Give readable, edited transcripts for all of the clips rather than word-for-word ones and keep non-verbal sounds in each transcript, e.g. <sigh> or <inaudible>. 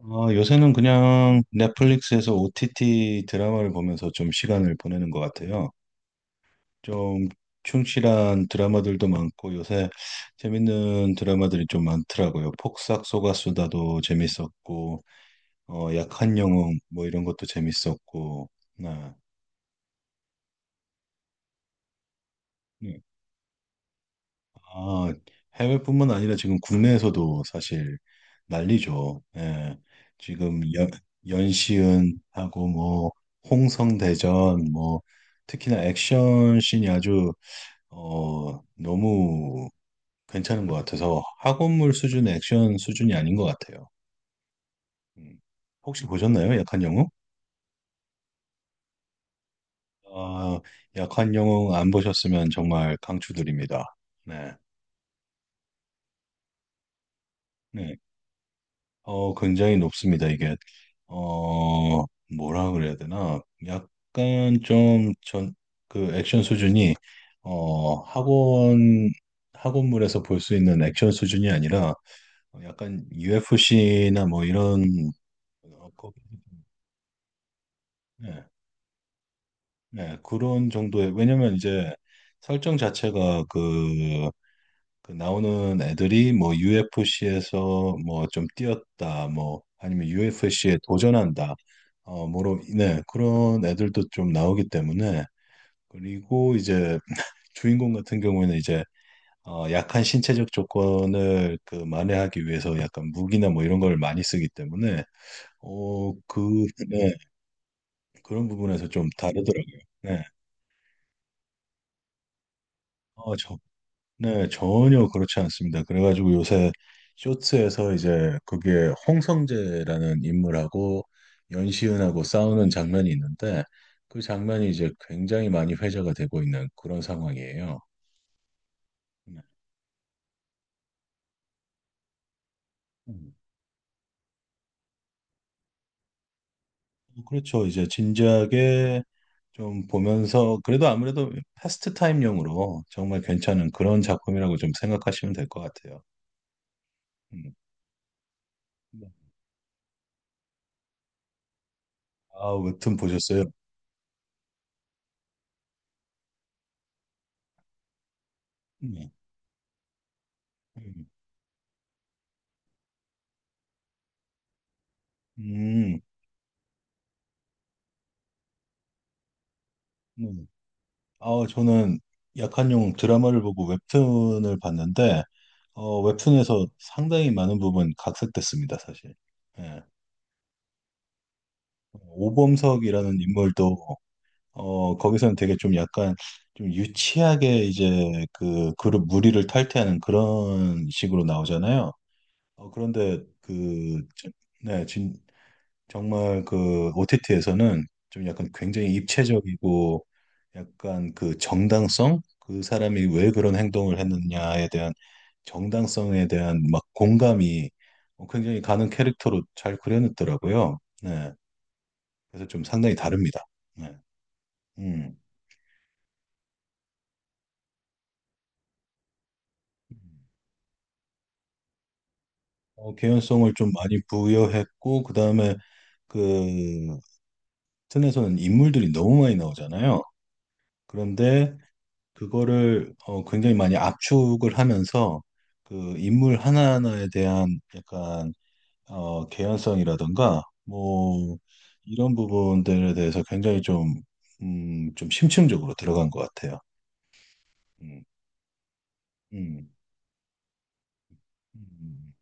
아, 요새는 그냥 넷플릭스에서 OTT 드라마를 보면서 좀 시간을 보내는 것 같아요. 좀 충실한 드라마들도 많고 요새 재밌는 드라마들이 좀 많더라고요. 폭싹 속았수다도 재밌었고, 약한 영웅 뭐 이런 것도 재밌었고, 네. 네. 아, 해외뿐만 아니라 지금 국내에서도 사실 난리죠. 예. 지금 연시은하고 뭐 홍성대전 뭐 특히나 액션 씬이 아주 너무 괜찮은 것 같아서 학원물 수준의 액션 수준이 아닌 것 같아요. 음. 혹시 보셨나요? 약한 영웅? 아, 약한 영웅 안 보셨으면 정말 강추드립니다. 네. 네. 굉장히 높습니다. 이게, 어, 뭐라 그래야 되나. 약간 좀 전, 그 액션 수준이, 어, 학원, 학원물에서 볼 수 있는 액션 수준이 아니라 약간 UFC나 뭐 이런, 어, 거- 네, 네, 그런 정도의, 왜냐면 이제 설정 자체가 그 나오는 애들이 뭐 UFC에서 뭐 좀 뛰었다, 뭐 아니면 UFC에 도전한다, 뭐로, 네, 그런 애들도 좀 나오기 때문에 그리고 이제 주인공 같은 경우에는 이제 약한 신체적 조건을 그 만회하기 위해서 약간 무기나 뭐 이런 걸 많이 쓰기 때문에 네, 그런 부분에서 좀 다르더라고요. 네. 어, 네, 전혀 그렇지 않습니다. 그래가지고 요새 쇼츠에서 이제 그게 홍성재라는 인물하고 연시은하고 싸우는 장면이 있는데 그 장면이 이제 굉장히 많이 회자가 되고 있는 그런 상황이에요. 네. 음. 그렇죠. 이제 진지하게 좀 보면서 그래도 아무래도 패스트 타임용으로 정말 괜찮은 그런 작품이라고 좀 생각하시면 될 것 같아요. 음. 네. 아, 웹툰 보셨어요? 네. 음. 음. 네. 저는 약한 용 드라마를 보고 웹툰을 봤는데, 웹툰에서 상당히 많은 부분 각색됐습니다, 사실. 예. 오범석이라는 인물도, 거기서는 되게 좀 약간 좀 유치하게 이제 그 그룹 무리를 탈퇴하는 그런 식으로 나오잖아요. 그런데 네, 정말 그 OTT에서는 좀 약간 굉장히 입체적이고 약간 그 정당성? 그 사람이 왜 그런 행동을 했느냐에 대한 정당성에 대한 막 공감이 굉장히 가는 캐릭터로 잘 그려냈더라고요. 네. 그래서 좀 상당히 다릅니다. 네. 음. 개연성을 좀 많이 부여했고, 그 다음에 그 튼에서는 인물들이 너무 많이 나오잖아요. 그런데 그거를 굉장히 많이 압축을 하면서 그 인물 하나하나에 대한 약간 개연성이라든가 뭐 이런 부분들에 대해서 굉장히 좀, 좀 심층적으로 들어간 것 같아요. 음, 음, 음,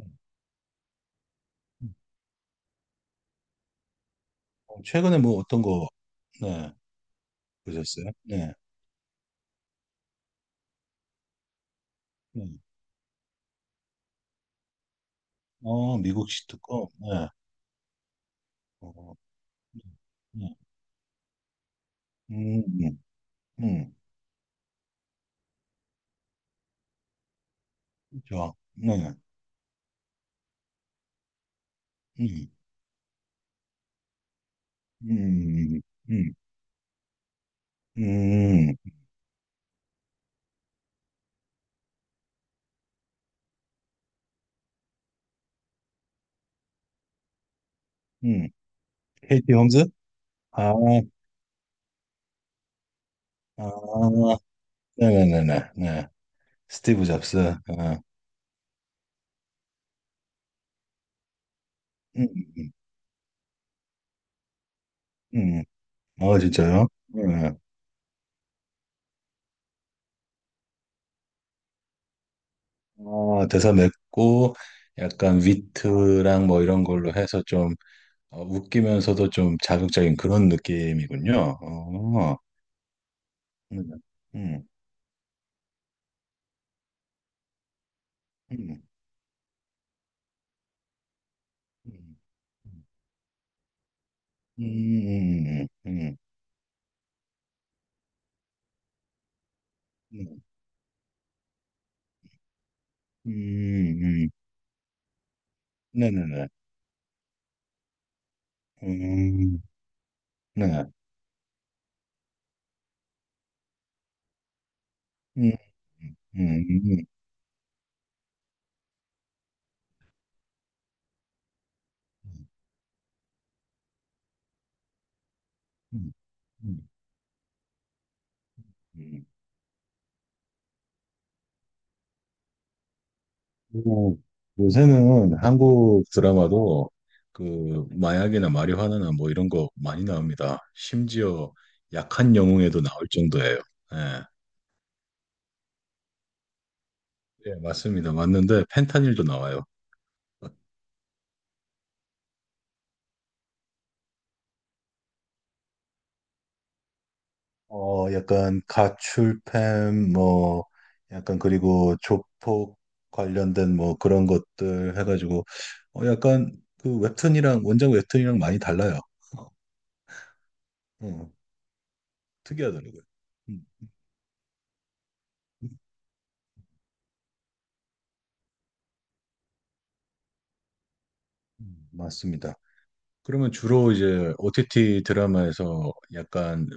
음, 음. 최근에 뭐 어떤 거 네, 보셨어요? 네, 네. 미국시 특검. 네. 어, 네. 음, 음, 음, 그렇죠. 네. 음, 음, 음. 음, 음. 케이티 홈즈? 아, 아, 네네네네. 네. 스티브 잡스. 아, 음, 음, 음. 아, 진짜요? 네. 아, 대사 맵고, 약간 위트랑 뭐 이런 걸로 해서 좀 웃기면서도 좀 자극적인 그런 느낌이군요. 음, 음, 음, 음, 음, 음, 음, 음, 음, 음, 음. 네네네. 음, 네. 음, 음, 음, 음, 음. 음. 음. 그리고 요새는 한국 드라마도 그 마약이나 마리화나나 뭐 이런 거 많이 나옵니다. 심지어 약한 영웅에도 나올 정도예요. 예, 예, 맞습니다. 맞는데 펜타닐도 나와요. 약간 가출팸 뭐 약간 그리고 조폭 관련된 뭐 그런 것들 해가지고 약간 그 웹툰이랑 원작 웹툰이랑 많이 달라요. 특이하더라고요. 음, 맞습니다. 그러면 주로 이제 OTT 드라마에서 약간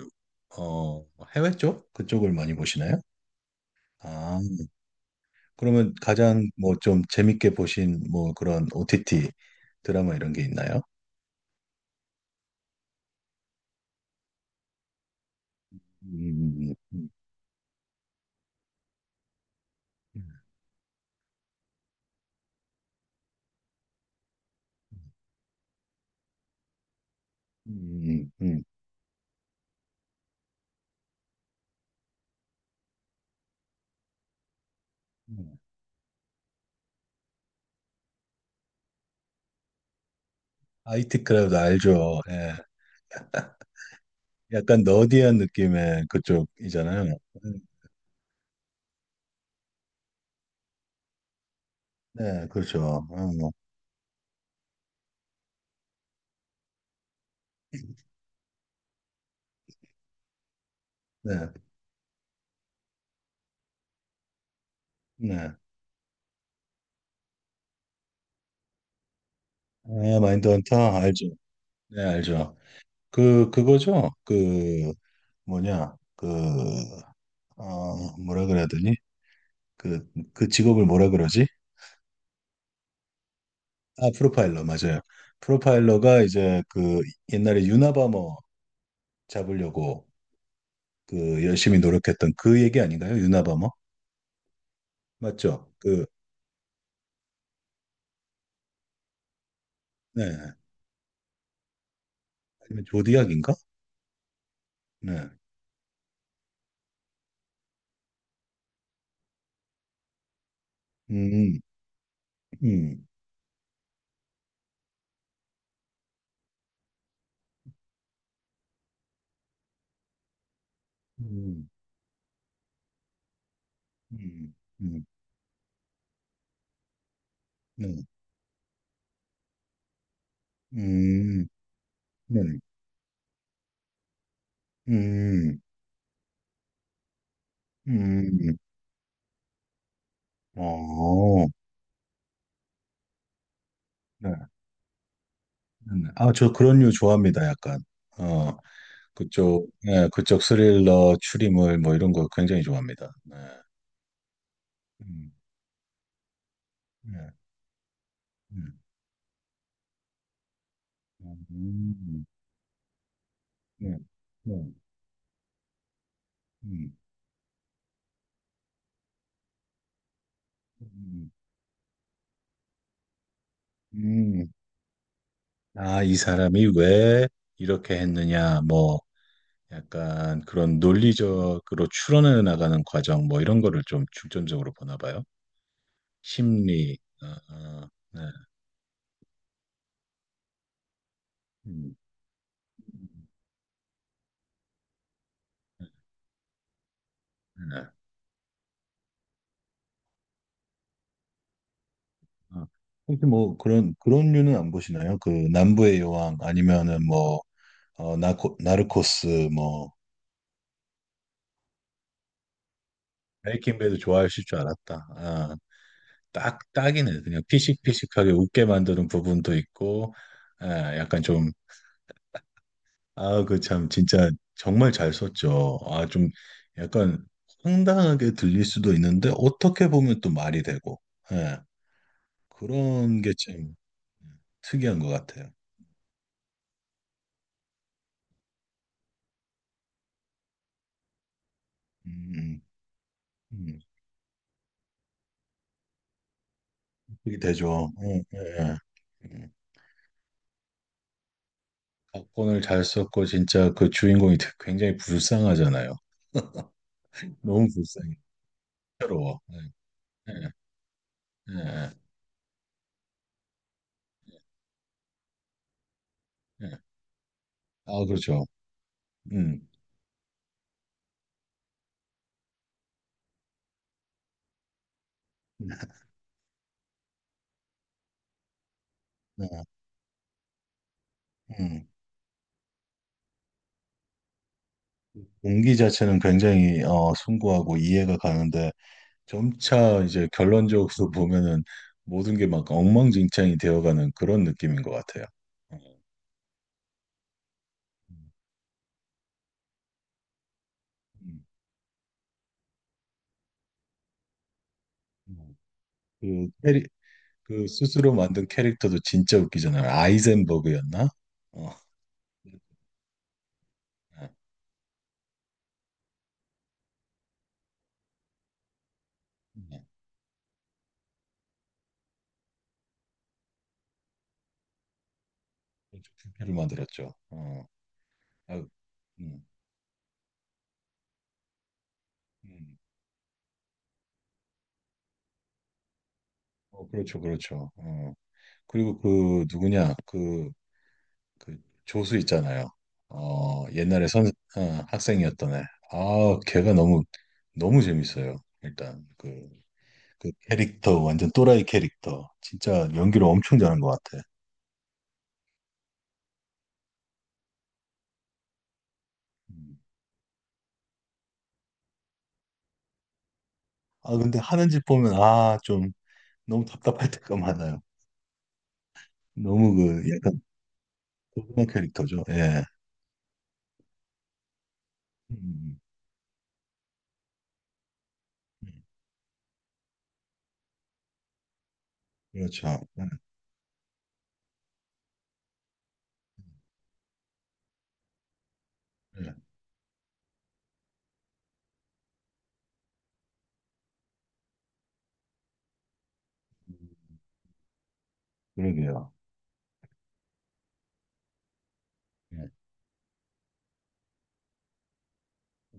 어, 해외 쪽? 그쪽을 많이 보시나요? 아, 그러면 가장 뭐 좀 재밌게 보신 뭐 그런 OTT 드라마 이런 게 있나요? 음, 음, 음, 음, 음. IT 크라우드 알죠? 예. 약간 너디한 느낌의 그쪽이잖아요. 음, 네, 그렇죠. 어, 네, 네. 아, 마인드헌터 알죠? 네, 알죠. 그, 그거죠. 그, 뭐냐, 그, 뭐라 그래야 되니? 그, 그, 직업을 뭐라 그러지? 아, 프로파일러, 맞아요. 프로파일러가 이제 그 옛날에 유나바머 잡으려고 그 열심히 노력했던 그 얘기 아닌가요? 유나바머? 맞죠? 그, 네. 아니면 조디악인가? 네. 음, 음, 음, 음, 음, 네. 음, 네. 음, 음, 어, 네. 아, 저 그런 류 좋아합니다. 약간 어 그쪽 예, 그쪽 스릴러 추리물 뭐 이런 거 굉장히 좋아합니다. 네. 음, 예, 예. 음, 네, 네, 음, 음, 음. 아, 이 사람이 왜 이렇게 했느냐 뭐 약간 그런 논리적으로 추론해 나가는 과정 뭐 이런 거를 좀 중점적으로 보나 봐요. 심리 아, 아, 네. 음, 음, 음, 네. 아, 혹시 뭐 그런 류는 안 보시나요? 그 남부의 여왕 아니면은 뭐 나르코스 뭐 베이킹 배드 좋아하실 줄 알았다. 아, 딱 딱이네. 그냥 피식피식하게 웃게 만드는 부분도 있고, 아, 약간 좀 아, 그 참 진짜 정말 잘 썼죠. 아, 좀 약간 황당하게 들릴 수도 있는데 어떻게 보면 또 말이 되고, 예, 그런 게참 특이한 것 같아요. 음, 음. 그게 되죠. 응, 예, 예. 각본을 잘 썼고 진짜 그 주인공이 굉장히 불쌍하잖아요. 너무 불쌍해. 괴로워. 예, 예, 예, 예. 아, 그렇죠. 음, 음, 예, 음. 동기 자체는 굉장히 숭고하고 이해가 가는데 점차 이제 결론적으로 <laughs> 보면은 모든 게 막 엉망진창이 되어가는 그런 느낌인 것 같아요. 어. 음, 음, 음. 그 그 스스로 만든 캐릭터도 진짜 웃기잖아요. 아이젠버그였나? 어. 네. 네. 그렇죠. 부를 만들었죠. 어. 아 음, 음. 그렇죠, 그렇죠. 어. 그리고 그 누구냐? 그, 그, 조수 있잖아요. 옛날에 어, 학생이었던 애. 아, 걔가 너무 너무 재밌어요. 일단 그 캐릭터 완전 또라이 캐릭터. 진짜 연기를 엄청 잘한 것 같아. 음. 아, 근데 하는 짓 보면 아, 좀 너무 답답할 때가 많아요. 너무 그 약간 도그마 캐릭터죠. 예. 음, 음, 음. 그렇죠. 예, 예. 음, 그러게요. 예.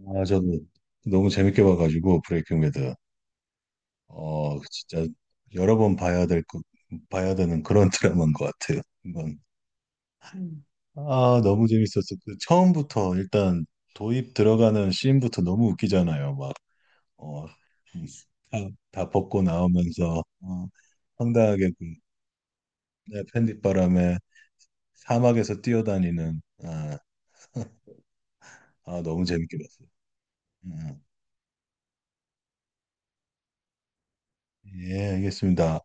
아, 저도 너무 재밌게 봐가지고 브레이킹 배드. 진짜 여러 번 봐야 될 것, 봐야 되는 그런 <laughs> 드라마인 것 같아요. 이건. 음. 아, 너무 재밌었어. 그 처음부터 일단 도입 들어가는 씬부터 너무 웃기잖아요. 막, 어, 다, 다 벗고 나오면서, 황당하게 그 네, 팬딧바람에 사막에서 뛰어다니는 아, <laughs> 아, 너무 재밌게 봤어요. 음, 예, 알겠습니다.